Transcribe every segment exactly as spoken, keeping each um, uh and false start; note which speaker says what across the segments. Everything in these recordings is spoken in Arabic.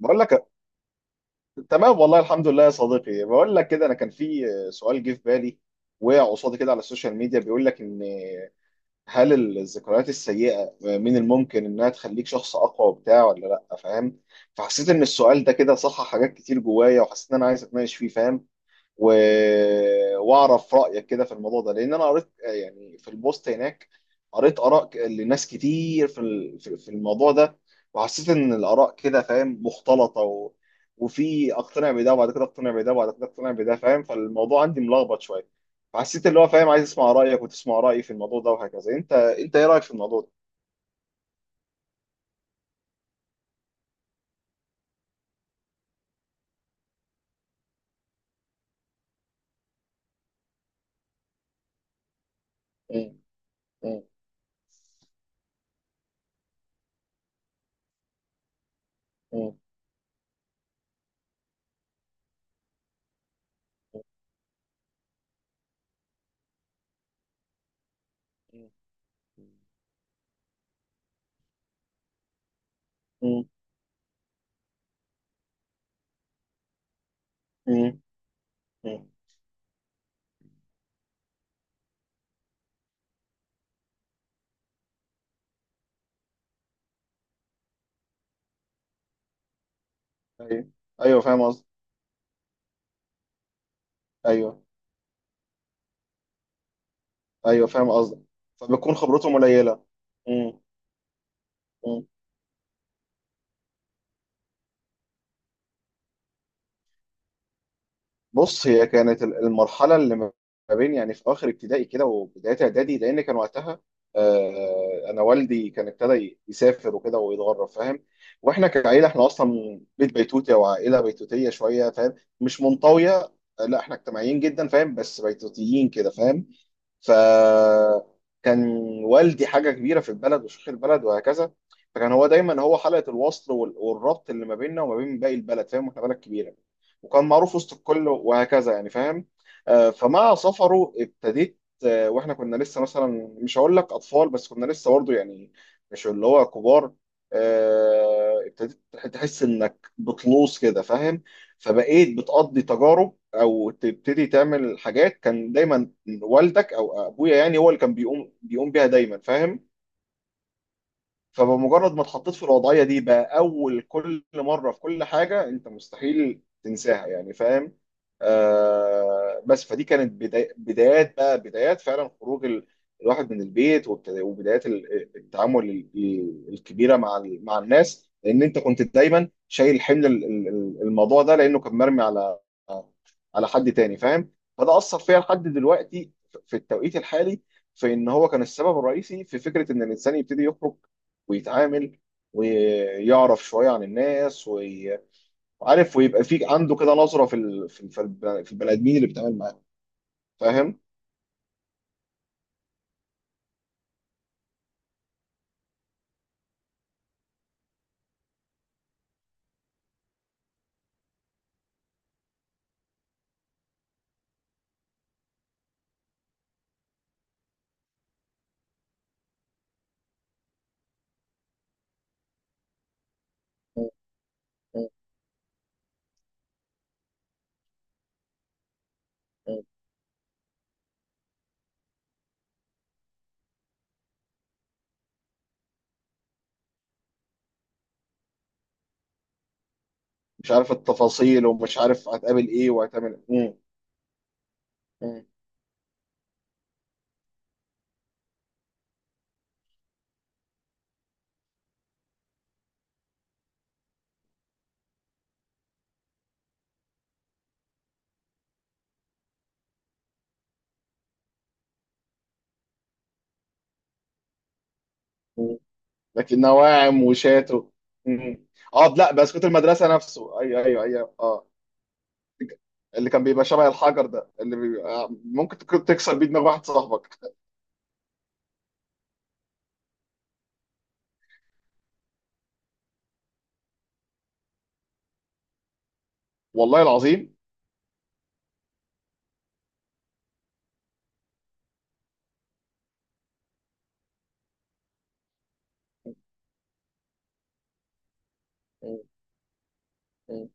Speaker 1: بقول لك تمام والله الحمد لله يا صديقي، بقول لك كده انا كان في سؤال جه في بالي، وقع قصادي كده على السوشيال ميديا. بيقول لك ان هل الذكريات السيئة من الممكن انها تخليك شخص اقوى وبتاع ولا لا، فاهم؟ فحسيت ان السؤال ده كده صحح حاجات كتير جوايا، وحسيت ان انا عايز اتناقش فيه، فاهم؟ و... واعرف رايك كده في الموضوع ده، لان انا قريت يعني في البوست هناك، قريت اراء ك- لناس كتير في ال- في في الموضوع ده، وحسيت ان الاراء كده، فاهم، مختلطه. و... وفي اقتنع بده وبعد كده اقتنع بده وبعد كده اقتنع بده، فاهم، فالموضوع عندي ملخبط شويه. فحسيت اللي هو، فاهم، عايز اسمع رايك وتسمع رايي في الموضوع ده وهكذا. انت انت ايه رايك في الموضوع ده؟ مم. مم. مم. مم. مم. مم. مم. ايوه. ايوه، فاهم قصدي. ايوه. ايوه، فاهم قصدك. فبتكون خبرتهم قليله. مم. مم. بص، هي كانت ال- المرحله اللي ما بين يعني في اخر ابتدائي كده وبدايه اعدادي، لان كان وقتها، آه، انا والدي كان ابتدى يسافر وكده ويتغرب، فاهم. واحنا كعيله، احنا اصلا بيت بيتوتي او عائله بيتوتيه شويه، فاهم، مش منطويه. آه، لا، احنا اجتماعيين جدا، فاهم، بس بيتوتيين كده، فاهم. فكان والدي حاجة كبيرة في البلد وشيخ البلد وهكذا. فكان هو دايما هو حلقة الوصل وال- والربط اللي ما بيننا وما بين باقي البلد، فاهم، احنا بلد كبيرة، وكان معروف وسط الكل وهكذا يعني، فاهم. آه، فمع سفره ابتديت. آه، واحنا كنا لسه مثلا، مش هقول لك اطفال، بس كنا لسه برضه يعني مش اللي هو كبار. آه، ابتديت تحس انك بتلوص كده، فاهم. فبقيت بتقضي تجارب او تبتدي تعمل حاجات كان دايما والدك او ابويا يعني هو اللي كان بيقوم بيقوم بيها دايما، فاهم. فبمجرد ما اتحطيت في الوضعية دي بقى، أول كل مرة في كل حاجة أنت مستحيل تنساها يعني، فاهم. آه، بس فدي كانت بدا- بدايات بقى، بدايات فعلا خروج ال- الواحد من البيت، وابت- وبدايات ال- التعامل ال- ال- الكبيرة مع ال- مع الناس، لأن أنت كنت دايما شايل حمل ال- ال- ال- الموضوع ده، لأنه كان مرمي على على حد تاني، فاهم. فده أثر فيا لحد دلوقتي، في التوقيت الحالي، في ان هو كان السبب الرئيسي في فكره ان الانسان يبتدي يخرج ويتعامل ويعرف شويه عن الناس، وي- وعارف، ويبقى في عنده كده نظره في ال- في في الب- في البني ادمين اللي بيتعامل معاهم، فاهم. مم. مم. مم. مش عارف التفاصيل، ومش عارف هتقابل ايه وهتعمل. مم. مم. مم. لكن نواعم وشاتو. مم. اه، لا، بسكوت المدرسه نفسه، ايوه، ايوه، ايوه، اه. اللي كان بيبقى شبه الحجر ده، اللي بيبقى ممكن تك- تكسر بيه دماغ واحد صاحبك. والله العظيم. مم. مم.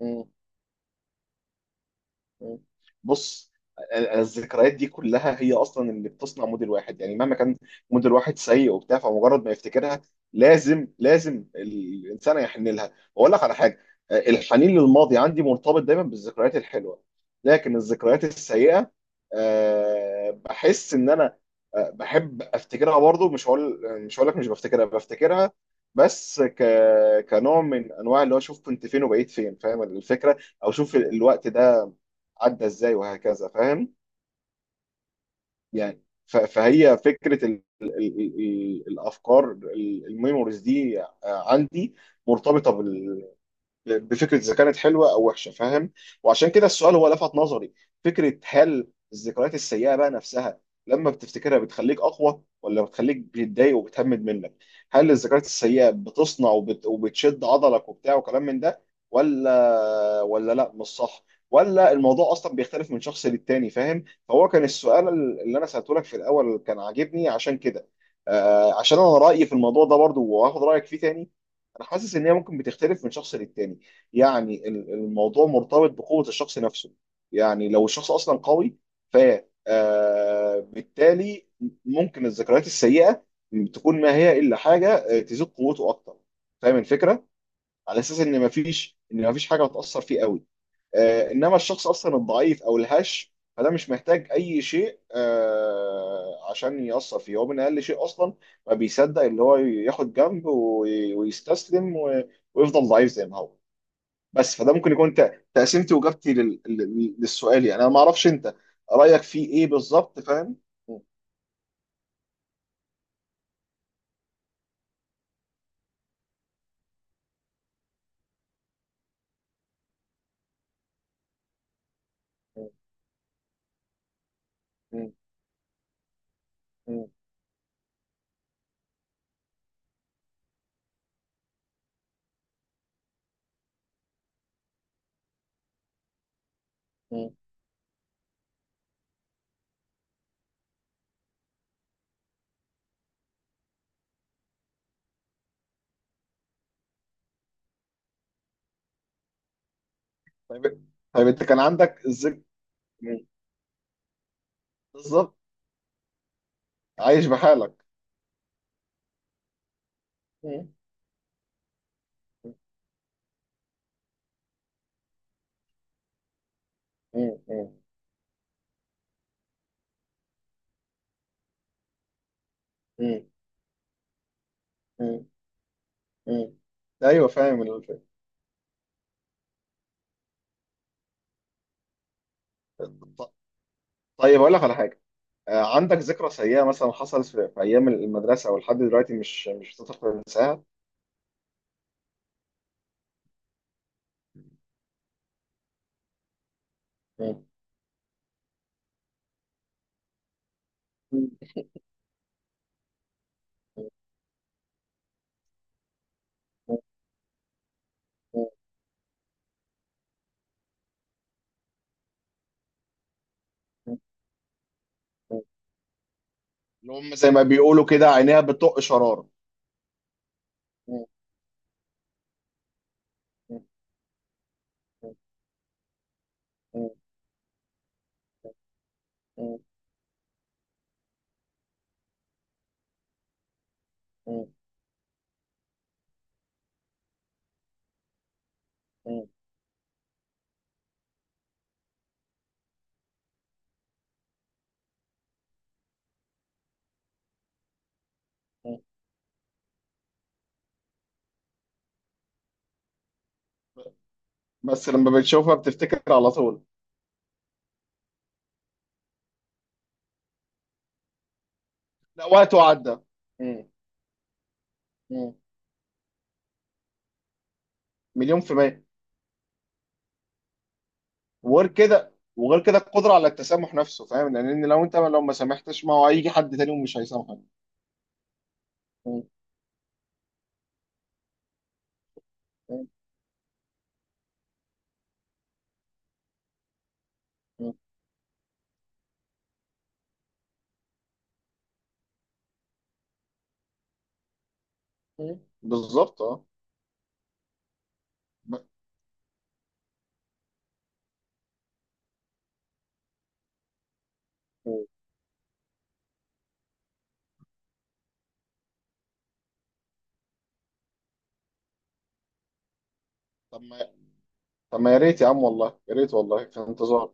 Speaker 1: مم. مم. بص، ال- الذكريات دي كلها هي اصلا اللي بتصنع موديل واحد، يعني مهما كان موديل واحد سيء وبتاع، فمجرد ما يفتكرها لازم، لازم الانسان يحن لها. واقول لك على حاجه، آه، الحنين للماضي عندي مرتبط دايما بالذكريات الحلوه. لكن الذكريات السيئه، آه، بحس ان انا، آه، بحب افتكرها برضو. مش هقول، مش هقول لك مش بفتكرها بفتكرها، بس ك... كنوع من انواع اللي هو اشوف كنت فين وبقيت فين، فاهم الفكره، او شوف الوقت ده عدى ازاي وهكذا، فاهم. يعني ف- فهي فكره ال ال ال ال الافكار، ال- الميموريز دي عندي مرتبطه بفكره اذا كانت حلوه او وحشه، فاهم. وعشان كده السؤال هو لفت نظري، فكره هل الذكريات السيئه بقى نفسها لما بتفتكرها بتخليك اقوى، ولا بتخليك بتضايق وبتهمد منك؟ هل الذكريات السيئه بتصنع وبت... وبتشد عضلك وبتاع وكلام من ده، ولا ولا لا مش صح، ولا الموضوع اصلا بيختلف من شخص للتاني، فاهم. فهو كان السؤال اللي انا سالته لك في الاول، كان عاجبني عشان كده. آه، عشان انا رايي في الموضوع ده برضو، وهاخد رايك فيه تاني. انا حاسس ان هي ممكن بتختلف من شخص للتاني، يعني ال- الموضوع مرتبط بقوة الشخص نفسه. يعني لو الشخص أصلا قوي، ف، آه، بالتالي ممكن الذكريات السيئة تكون ما هي إلا حاجة، آه، تزيد قوته أكتر، فاهم الفكرة؟ على أساس إن مفيش، إن مفيش حاجة هتأثر فيه قوي. آه، إنما الشخص أصلا الضعيف أو الهش، فده مش محتاج أي شيء، آه، عشان يأثر فيه، هو من أقل شيء أصلا ما بيصدق اللي هو ياخد جنب وي- ويستسلم و- ويفضل ضعيف زي ما هو. بس فده ممكن يكون ت- تقسيمتي واجابتي لل... لل- للسؤال، يعني انا ما اعرفش انت رايك فيه ايه بالظبط، فاهم. م- م- م- م. طيب، طيب انت كان عندك الذك. م. بالظبط. عايش بحالك. م- م- م- م- م- م. ايوه، فاهم الفكرة. ط- طيب اقول لك على حاجه، آه، عندك ذكرى سيئه مثلا حصلت في في ايام المدرسه او لحد دلوقتي، مش مش بتقدر تنساها؟ م- م- م- م- م. اللي هم زي ما بيقولوا كده عينيها بتطق شرار. مم. مم. مم. مم. مم. مم. مم. بس لما بتشوفها بتفتكر على طول؟ لا، وقت وعدى. مم. مم. مليون في المية. وغير كده، وغير كده القدرة على التسامح نفسه، فاهم، لأن لو أنت لو ما سامحتش ما هو هيجي حد تاني ومش هيسامحك. مم. مم. مم. مم. بالظبط، اه. ب- طب ما، طب ما يا ريت يا عم، والله يا ريت، والله في انتظار.